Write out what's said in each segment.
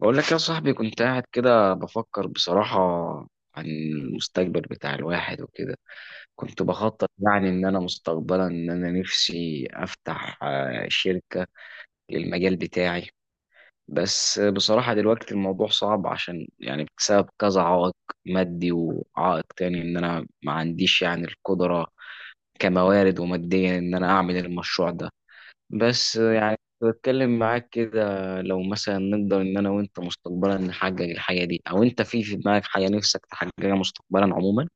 بقول لك يا صاحبي، كنت قاعد كده بفكر بصراحة عن المستقبل بتاع الواحد وكده. كنت بخطط يعني إن أنا مستقبلا إن أنا نفسي أفتح شركة للمجال بتاعي. بس بصراحة دلوقتي الموضوع صعب عشان يعني بسبب كذا عائق مادي، وعائق تاني إن أنا ما عنديش يعني القدرة كموارد وماديا إن أنا أعمل المشروع ده. بس يعني كنت بتكلم معاك كده لو مثلا نقدر ان انا وانت مستقبلا نحقق الحاجه دي، او انت في دماغك حاجه نفسك تحققها مستقبلا عموما.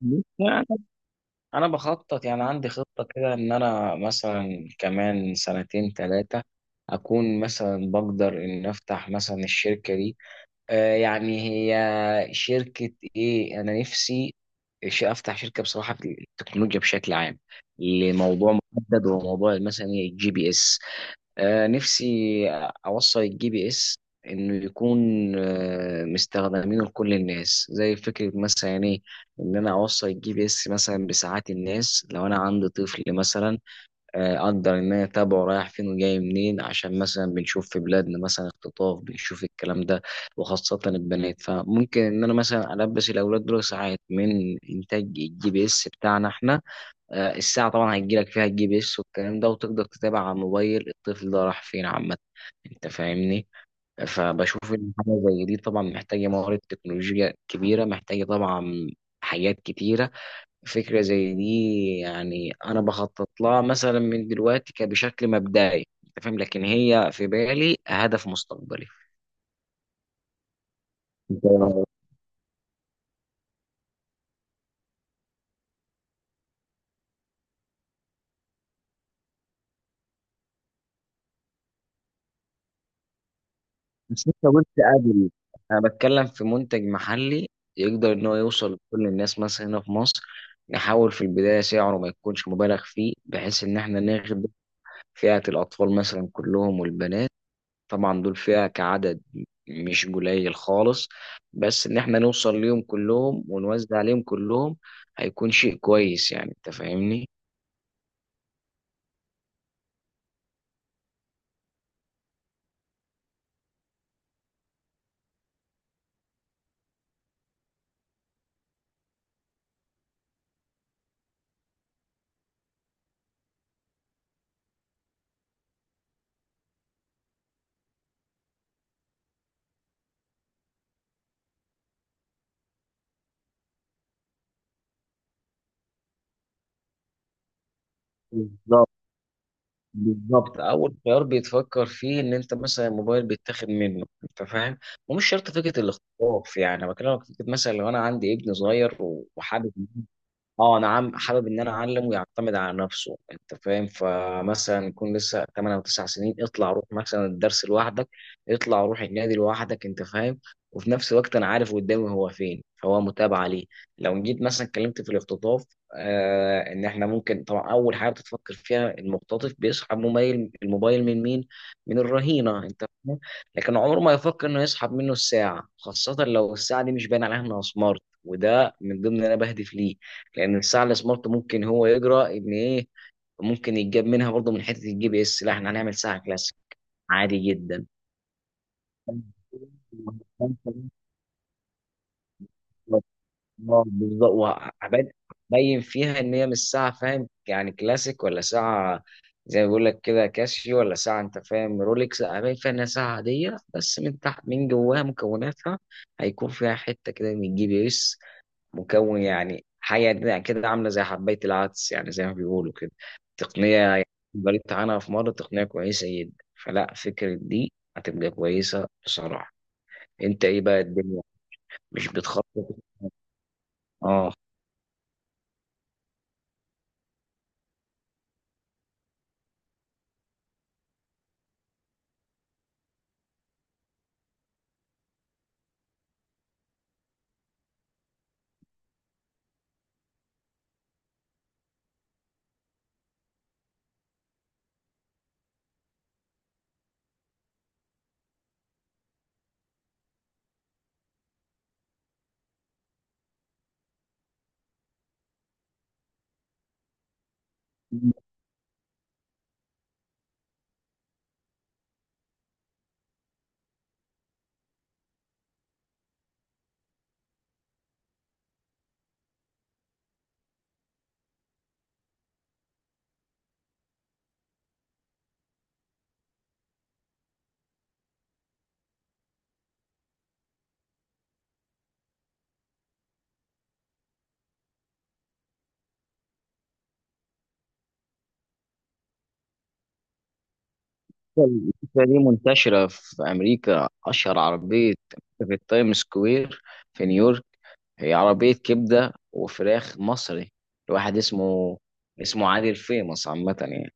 بص، يعني انا بخطط، يعني عندي خطه كده ان انا مثلا كمان سنتين ثلاثه اكون مثلا بقدر ان افتح مثلا الشركه دي. آه يعني هي شركه ايه انا نفسي افتح شركه بصراحه في التكنولوجيا بشكل عام، لموضوع محدد وموضوع مثلا الجي بي اس. نفسي أوصل الجي بي إس إنه يكون مستخدمينه لكل الناس، زي فكرة مثلا إيه إن أنا أوصل الجي بي إس مثلا بساعات الناس. لو أنا عندي طفل مثلا، أقدر إن أنا أتابعه رايح فين وجاي منين، عشان مثلا بنشوف في بلادنا مثلا اختطاف، بنشوف الكلام ده، وخاصة البنات. فممكن إن أنا مثلا ألبس الأولاد دول ساعات من إنتاج الجي بي إس بتاعنا إحنا. الساعة طبعا هتجيلك فيها الجي بي اس والكلام ده، وتقدر تتابع على الموبايل الطفل ده راح فين عامة. انت فاهمني؟ فبشوف ان حاجة زي دي طبعا محتاجة موارد تكنولوجيا كبيرة، محتاجة طبعا حاجات كتيرة. فكرة زي دي يعني انا بخطط لها مثلا من دلوقتي كبشكل مبدئي، انت فاهم، لكن هي في بالي هدف مستقبلي. انت مش لسه قلت قبل؟ انا بتكلم في منتج محلي يقدر ان هو يوصل لكل الناس مثلا هنا في مصر. نحاول في البدايه سعره ما يكونش مبالغ فيه بحيث ان احنا ناخد فئه الاطفال مثلا كلهم والبنات. طبعا دول فئه كعدد مش قليل خالص. بس ان احنا نوصل ليهم كلهم ونوزع عليهم كلهم هيكون شيء كويس، يعني انت فاهمني. بالظبط. بالظبط، اول خيار بيتفكر فيه ان انت مثلا الموبايل بيتاخد منه، انت فاهم. ومش شرط فكره الاختطاف. يعني أنا بكلمك في فكره مثلا لو انا عندي ابن صغير وحابب، اه انا عم حابب ان انا اعلم ويعتمد على نفسه، انت فاهم. فمثلا يكون لسه 8 او 9 سنين، اطلع روح مثلا الدرس لوحدك، اطلع روح النادي لوحدك، انت فاهم. وفي نفس الوقت انا عارف قدامي هو فين، فهو متابع ليه. لو جيت مثلا اتكلمت في الاختطاف، آه ان احنا ممكن طبعا اول حاجه بتفكر فيها المختطف بيسحب الموبايل من مين؟ من الرهينه، انت فاهم. لكن عمره ما يفكر انه يسحب منه الساعه، خاصه لو الساعه دي مش باين عليها انها سمارت، وده من ضمن اللي انا بهدف ليه. لان الساعه السمارت ممكن هو يجرى ان ايه، ممكن يتجاب منها برضه من حته الجي بي اس. لا، احنا هنعمل ساعه كلاسيك عادي جدا. بالظبط. هبين فيها ان هي مش ساعه، فاهم يعني، كلاسيك، ولا ساعه زي ما بيقول لك كده كاسيو، ولا ساعه انت فاهم رولكس. لا، هبين فيها انها ساعه عاديه، بس من تحت من جواها مكوناتها هيكون فيها حته كده من الجي بي اس، مكون يعني حاجة كده عاملة زي حباية العدس، يعني زي ما بيقولوا كده. تقنية يعني قريت عنها في مرة، تقنية كويسة جدا. فلا فكرة دي هتبقى كويسة بصراحة. انت ايه بقى الدنيا، مش بتخطط؟ اه. الفكرة دي منتشرة في أمريكا، أشهر عربية في التايم سكوير في نيويورك، هي عربية كبدة وفراخ مصري لواحد اسمه، اسمه عادل، فيمس عامة يعني.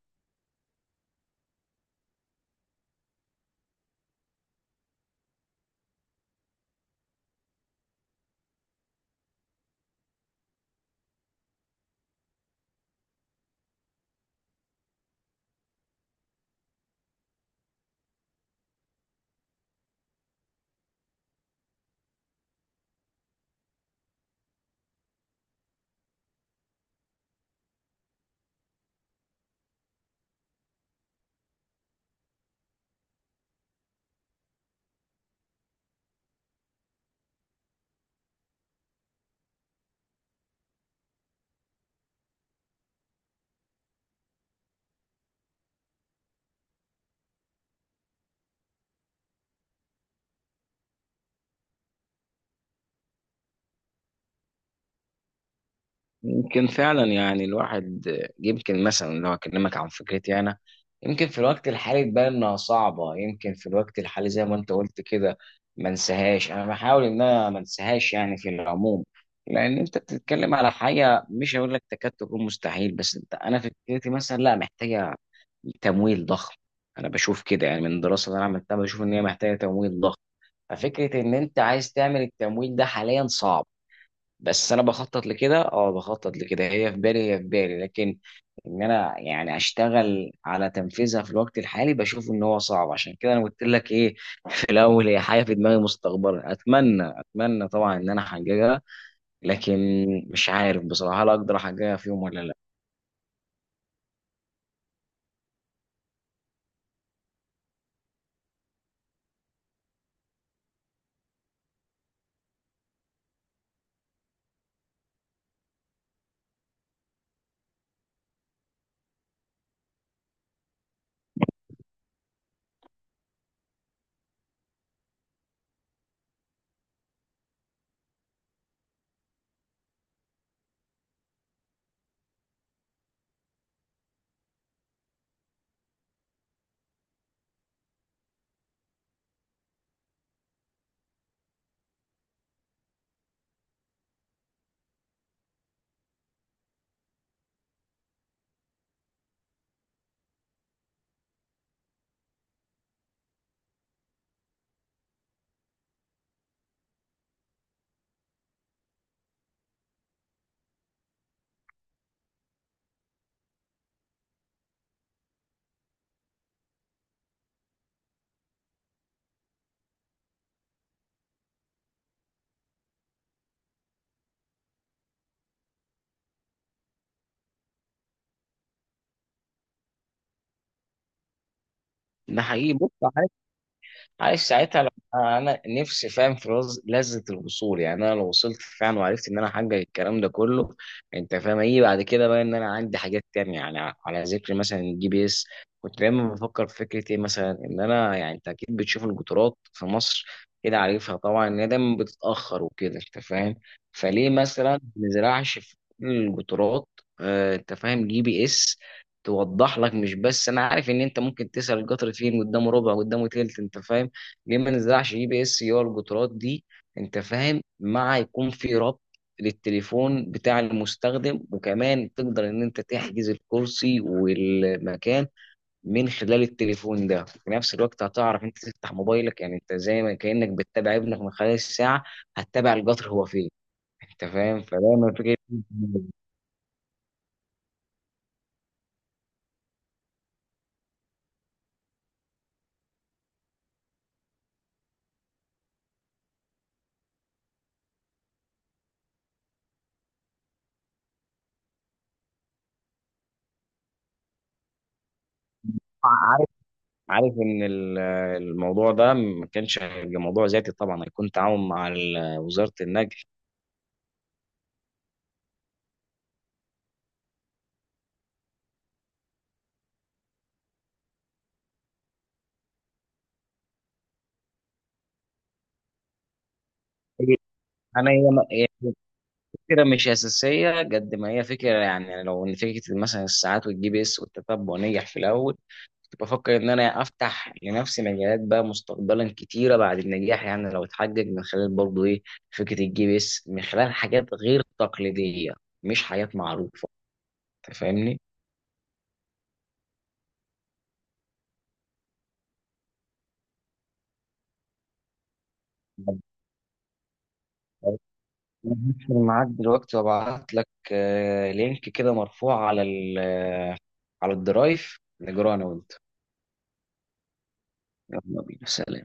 يمكن فعلا يعني الواحد، يمكن مثلا لو اكلمك عن فكرتي انا، يمكن في الوقت الحالي تبان انها صعبه، يمكن في الوقت الحالي زي ما انت قلت كده ما انساهاش، انا بحاول ان انا ما انساهاش يعني في العموم. لان انت بتتكلم على حاجه مش هقول لك تكاد تكون مستحيل، بس انت انا فكرتي مثلا لا محتاجه تمويل ضخم. انا بشوف كده يعني من الدراسه اللي انا عملتها، بشوف ان هي محتاجه تمويل ضخم. ففكره ان انت عايز تعمل التمويل ده حاليا صعب. بس انا بخطط لكده، اه بخطط لكده، هي في بالي، هي في بالي لكن ان انا يعني اشتغل على تنفيذها في الوقت الحالي بشوف ان هو صعب. عشان كده انا قلت لك ايه، في الاول هي حاجه في دماغي مستقبلا، اتمنى، اتمنى طبعا ان انا احققها. لكن مش عارف بصراحه هل اقدر احققها في يوم ولا لا. ده حقيقي، بص، عايش ساعتها. لو انا نفسي، فاهم، في لذة الوصول. يعني انا لو وصلت فعلا وعرفت ان انا احقق الكلام ده كله، انت فاهم ايه بعد كده بقى؟ ان انا عندي حاجات تانية يعني. على ذكر مثلا الجي بي اس، كنت دايما بفكر في فكرة ايه مثلا، ان انا يعني، انت اكيد بتشوف القطارات في مصر كده، عارفها طبعا ان هي دايما بتتأخر وكده، انت فاهم. فليه مثلا ما نزرعش في كل القطارات انت فاهم جي بي اس توضح لك؟ مش بس انا عارف، ان انت ممكن تسأل القطر فين، قدامه ربع، قدامه تلت، انت فاهم. ليه ما نزرعش جي بي اس هي الجترات دي، انت فاهم، مع يكون في ربط للتليفون بتاع المستخدم، وكمان تقدر ان انت تحجز الكرسي والمكان من خلال التليفون ده. في نفس الوقت هتعرف، انت تفتح موبايلك يعني، انت زي ما كأنك بتتابع ابنك من خلال الساعة، هتتابع القطر هو فين، انت فاهم. فدايما فكرة. عارف، عارف ان الموضوع ده ما كانش هيبقى موضوع ذاتي، طبعا هيكون تعاون مع وزارة النقل. انا فكرة مش أساسية قد ما هي فكرة، يعني لو إن فكرة مثلا الساعات والجي بي إس والتتبع نجح في الأول، كنت بفكر إن أنا أفتح لنفسي مجالات بقى مستقبلا كتيرة بعد النجاح، يعني لو اتحقق من خلال برضه إيه فكرة الجي بي إس من خلال حاجات غير تقليدية، مش حاجات معروفة. أنت فاهمني؟ هقفل معاك دلوقتي وابعت لك لينك كده مرفوع على على الدرايف نجراه أنا وأنت. يلا بينا، سلام.